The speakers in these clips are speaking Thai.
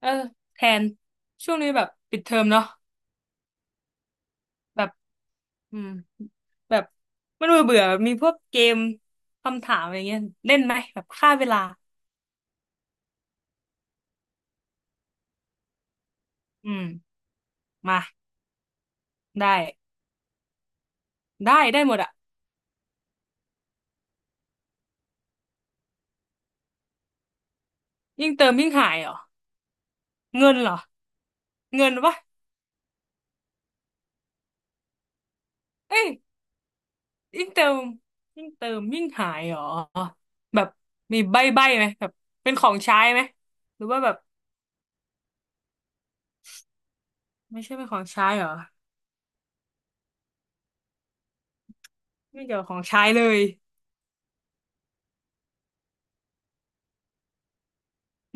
เออแทนช่วงนี้แบบปิดเทอมเนาะแบบอืมแบบมันเบื่อเบื่อมีพวกเกมคำถามอะไรเงี้ยเล่นไหมแบบฆ่าเวลาอืมมาได้ได้ได้หมดอะยิ่งเติมยิ่งหายเหรอเงินเหรอเงินวะเอ้ยยิ่งเติมยิ่งหายเหรอแบบมีใบ้ไหมแบบเป็นของใช้ไหมหรือว่าแบบไม่ใช่เป็นของใช้เหรอไม่เกี่ยวกับของใช้เลย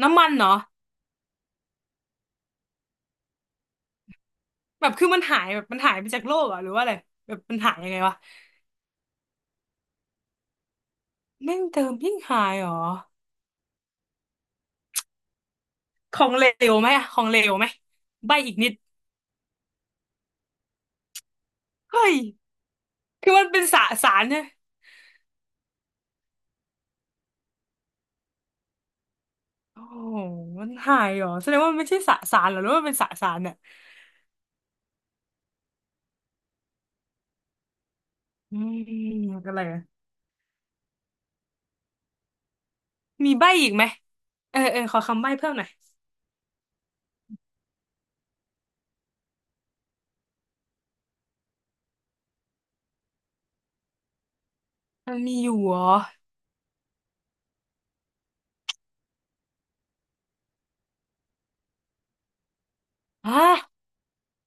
น้ำมันเหรอ แบบคือมันหายแบบมันหายไปจากโลกเหรอหรือว่าอะไรแบบมันหายยังไงวะแม่งเติมยิ่งหายเหรอของเหลวไหมอะของเหลวไหมใบอีกนิดเฮ้ยคือมันเป็นสสารเนี่ยโอ้โหมันหายเหรอแสดงว่ามันไม่ใช่สสารเหรอหรือว่ามันเป็นสสารเนี่ยอืมอะไรอะมีใบอีกไหมเออขอคำใบ้เพิ่มหน่อยมันมีอยู่เหรอฮะ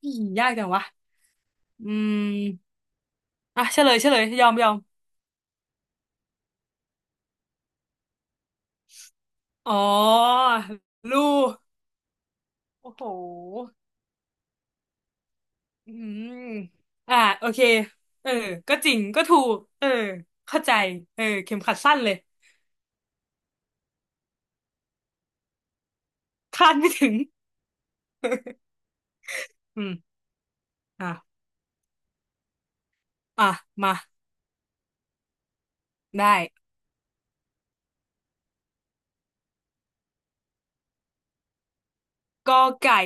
อี๋ยากจังวะอืมอ่ะเฉลยยอมยอมอ๋อลูโอ้โห อืมอ่าโอเคเออก็จริงก็ถูกเออ เข้าใจ เออ เข็มขัดสั้นเลยคาดไม่ถึง อืมอ่ะ อ่ะ มา ได้กอไก่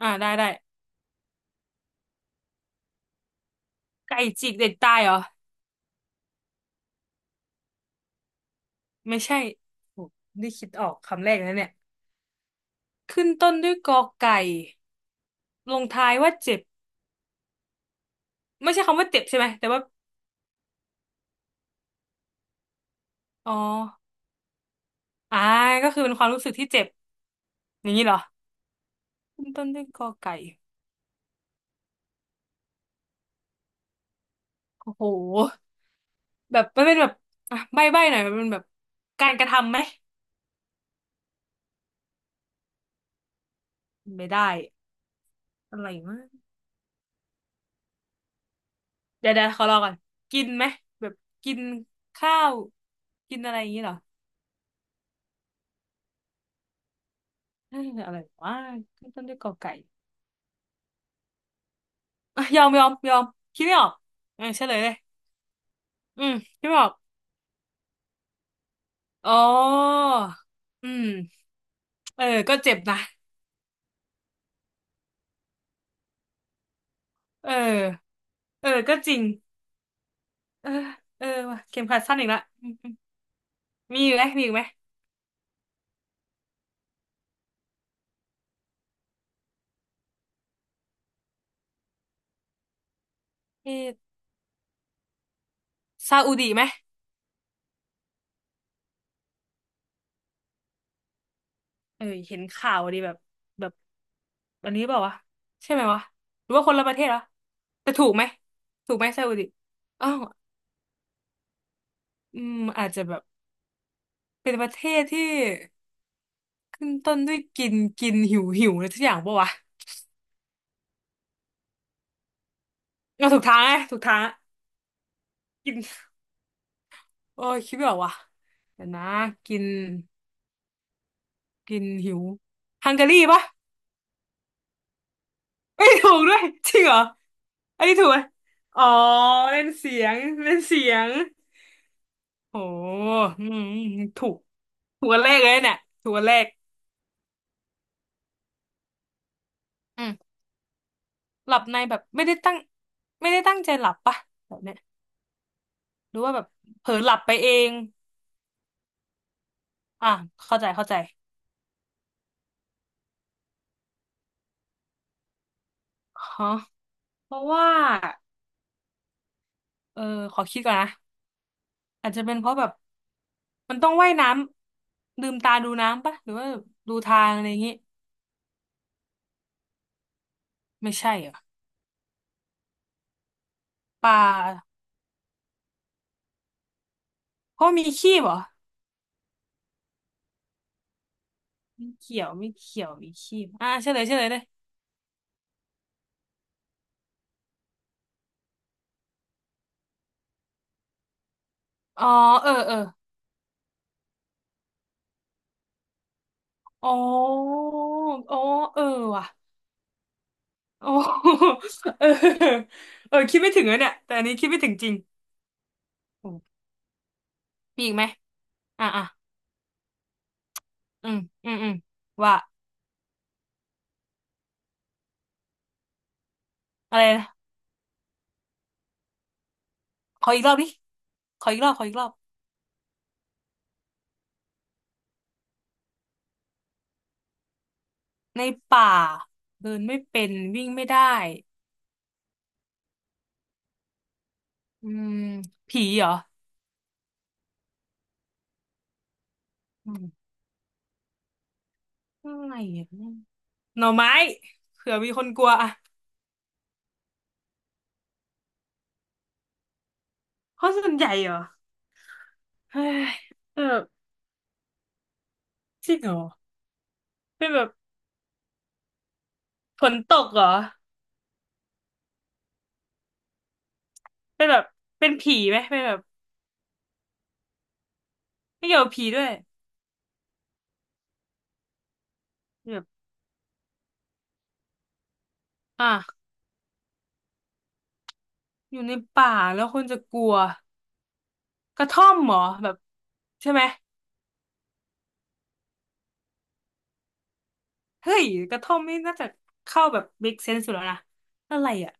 อ่าได้ได้ไก่จิกเด็กตายเหรอไม่ใช่โอ้นี่คิดออกคำแรกนะเนี่ยขึ้นต้นด้วยกอไก่ลงท้ายว่าเจ็บไม่ใช่คำว่าเจ็บใช่ไหมแต่ว่าอ๋ออ่าก็คือเป็นความรู้สึกที่เจ็บอย่างนี้เหรอขึ้นต้นด้วยกอไก่โอ้โห แบบมันเป็นแบบอ่ะใบ้หน่อยมันเป็นแบบการกระทำไหมไม่ได้อะไรมากเดี๋ยวขอรอก่อนกินไหมแบบกินข้าวกินอะไรอย่างนี้เหรอเอ้ยอะไรวะขึ้นต้นด้วยกอไก่ อ่ะยอมคิดไม่ออกเออเฉลยเลยอืมคิดไม่ออกอ๋ออืมเออก็เจ็บนะเออเออก็จริงเออเออว่ะเข็มขัดสั้นอีกละอืมอืมมีอีกไหมมีอีกไหมมีซาอุดิไหม เออเห็นข่าวดีแบบแบบอันนี้เปล่าวะใช่ไหมวะหรือว่าคนละประเทศเหรอแต่ถูกไหมถูกไหมซาอุดิอ้าวอืมอาจจะแบบเป็นประเทศที่ขึ้นต้นด้วยกินกินหิวหิวอะไรทุกอย่างปะวะเราถูกทางไงถูกทางอะกินโอ้ยคิดไม่ออกว่ะเดี๋ยวนะกินกินหิวฮังการีปะไ้่ถูกด้วยจริงเหรออันนี้ถูกไหมอ๋อเล่นเสียงเล่นเสียง โอ้อืมถูกถูกอันแรกเลยเนี่ยถูกอันแรกอืมหลับในแบบไม่ได้ตั้งใจหลับปะแบบเนี้ยหรือว่าแบบเผลอหลับไปเอง อ่ะ เข้าใจฮะเพราะว่าเออขอคิดก่อนนะอาจจะเป็นเพราะแบบ มันต้องว่ายน้ำลืมตาดูน้ำปะหรือว่าดูทางอะไรอย่างงี้ ไม่ใช่เหรอป่าเพราะมีขี้เหรอไม่เกี่ยวมีขี้อ่ะเฉลยเลยอ๋อเออ เออ อ๋ออ๋อเออว่ะอ๋อเออ เออ คิดไม่ถึงเลยเนี่ยแต่อันนี้คิดไม่ถึงจริงโอมีอีกไหมอ่ะอ่ะ อืม อืม อืมว่าอะไรนะขออีกรอบดิขออีกรอบขออีกรอบในป่า เดินไม่เป็น วิ่งไม่ได้อืมผีเหรออืมอะไรอ่ะเนี่ยหน่อไม้เผื่อมีคนกลัวอ่ะเพราะส่วนใหญ่เหรอเฮ้ยเออจริงเหรอ เป็นแบบฝนตกเหรอเป็นแบบเป็นผีไหมเป็นแบบ ไม่เกี่ยวกับผีด้วยแบบอ่ะอยู่ในป่าแล้วคนจะกลัวกระท่อมเหรอแบบใช่ไหมเฮ้ยกระท่อมนี่น่าจะเข้าแบบ make sense สุดแล้วนะอะไรอ่ะ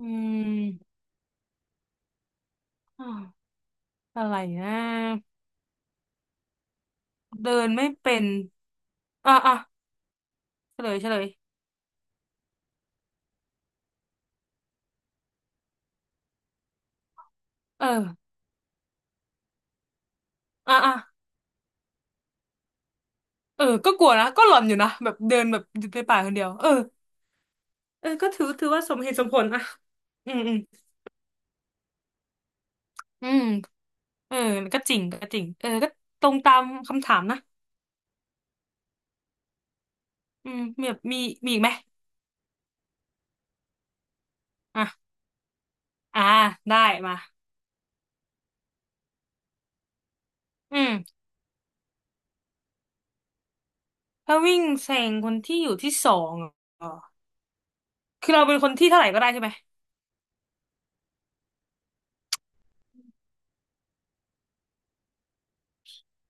อืมอาวอะไรนะเดินไม่เป็นอ่ะอ่ะเฉลยเอออ่ะอ่ะเออก็กลัวนะก็หลอนอยู่นะแบบเดินแบบอยู่ในป่าคนเดียวเออเออก็ถือว่าสมเหตุสมผลอ่ะอืมอืมอืมเออก็จริงเออก็ตรงตามคำถามนะ อืมมีแบบมีมีอีกไหมอ่ะอ่าได้มาอืมถ้าวิ่งแซงคนที่อยู่ที่สองเหรอคือเราเป็นคนที่เท่าไหร่ก็ได้ใช่ไหม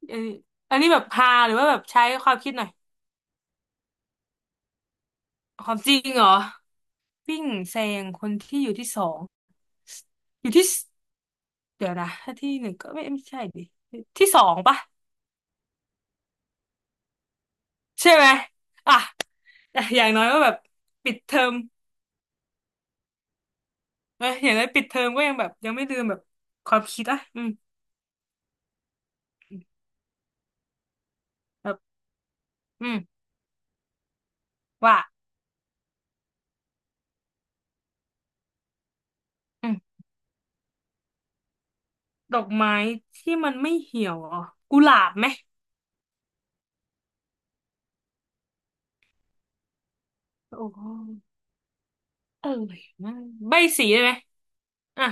เอออันนี้แบบพาหรือว่าแบบใช้ความคิดหน่อยความจริงเหรอวิ่งแซงคนที่อยู่ที่สองอยู่ที่สเดี๋ยวนะถ้าที่หนึ่งก็ไม่ใช่ดิที่สองปะใช่ไหมอ่ะแต่อย่างน้อยก็แบบปิดเทอมเอออย่างน้อยปิดเทอมก็ยังแบบยังไม่ลืมแบบความคิดอ่ะอืมแบบอืมว่า ดอกไม้ที่มันไม่เหี่ยวเหรอ่ะกุหลาบไหมโอ้เออมากใบสีได้ไหมอ่ะ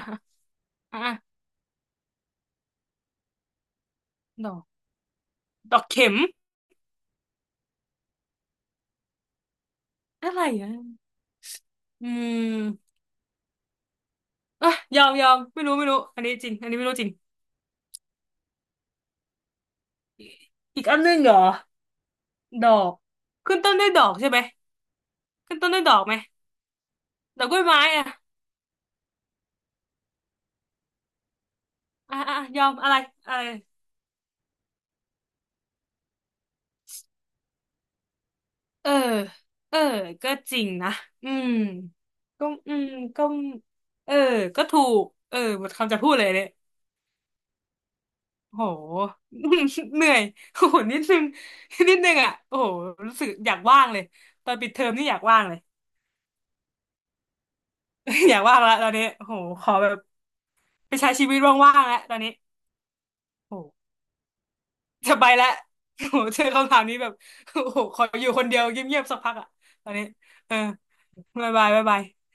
อ่ะอ่ะดอกดอกเข็มอะไรอ่ะอืมอ่ะยอมยอมไม่รู้อันนี้จริงอันนี้ไม่รู้จริงอีกอันหนึงเหรอดอกขึ้นต้นด้วยดอกใช่ไหมขึ้นต้นด้วยดอกไหมดอกกล้วยไม้อ่ะอ่ะอ่ะยอมอะไรอะไรเออเออก็จริงนะอืมก็อืมก็เออก็ถูกเออหมดคำจะพูดเลยเนี่ย โห เหนื่อยโอ้โหนิดนึง นิดนึงอ่ะโอ้โหรู้สึกอยากว่างเลยตอนปิดเทอมนี่อยากว่างเลย อยากว่างละตอนนี้โอ้โหขอแบบไปใช้ชีวิตว่างๆแล้วตอนนี้โอ้โหจะไปแล้ว โอ้โหเจอคำถามนี้แบบโอ้โหขออยู่คนเดียวเงียบๆสักพักอ่ะตอนนี้เออบ๊ายบายบ๊ายบาย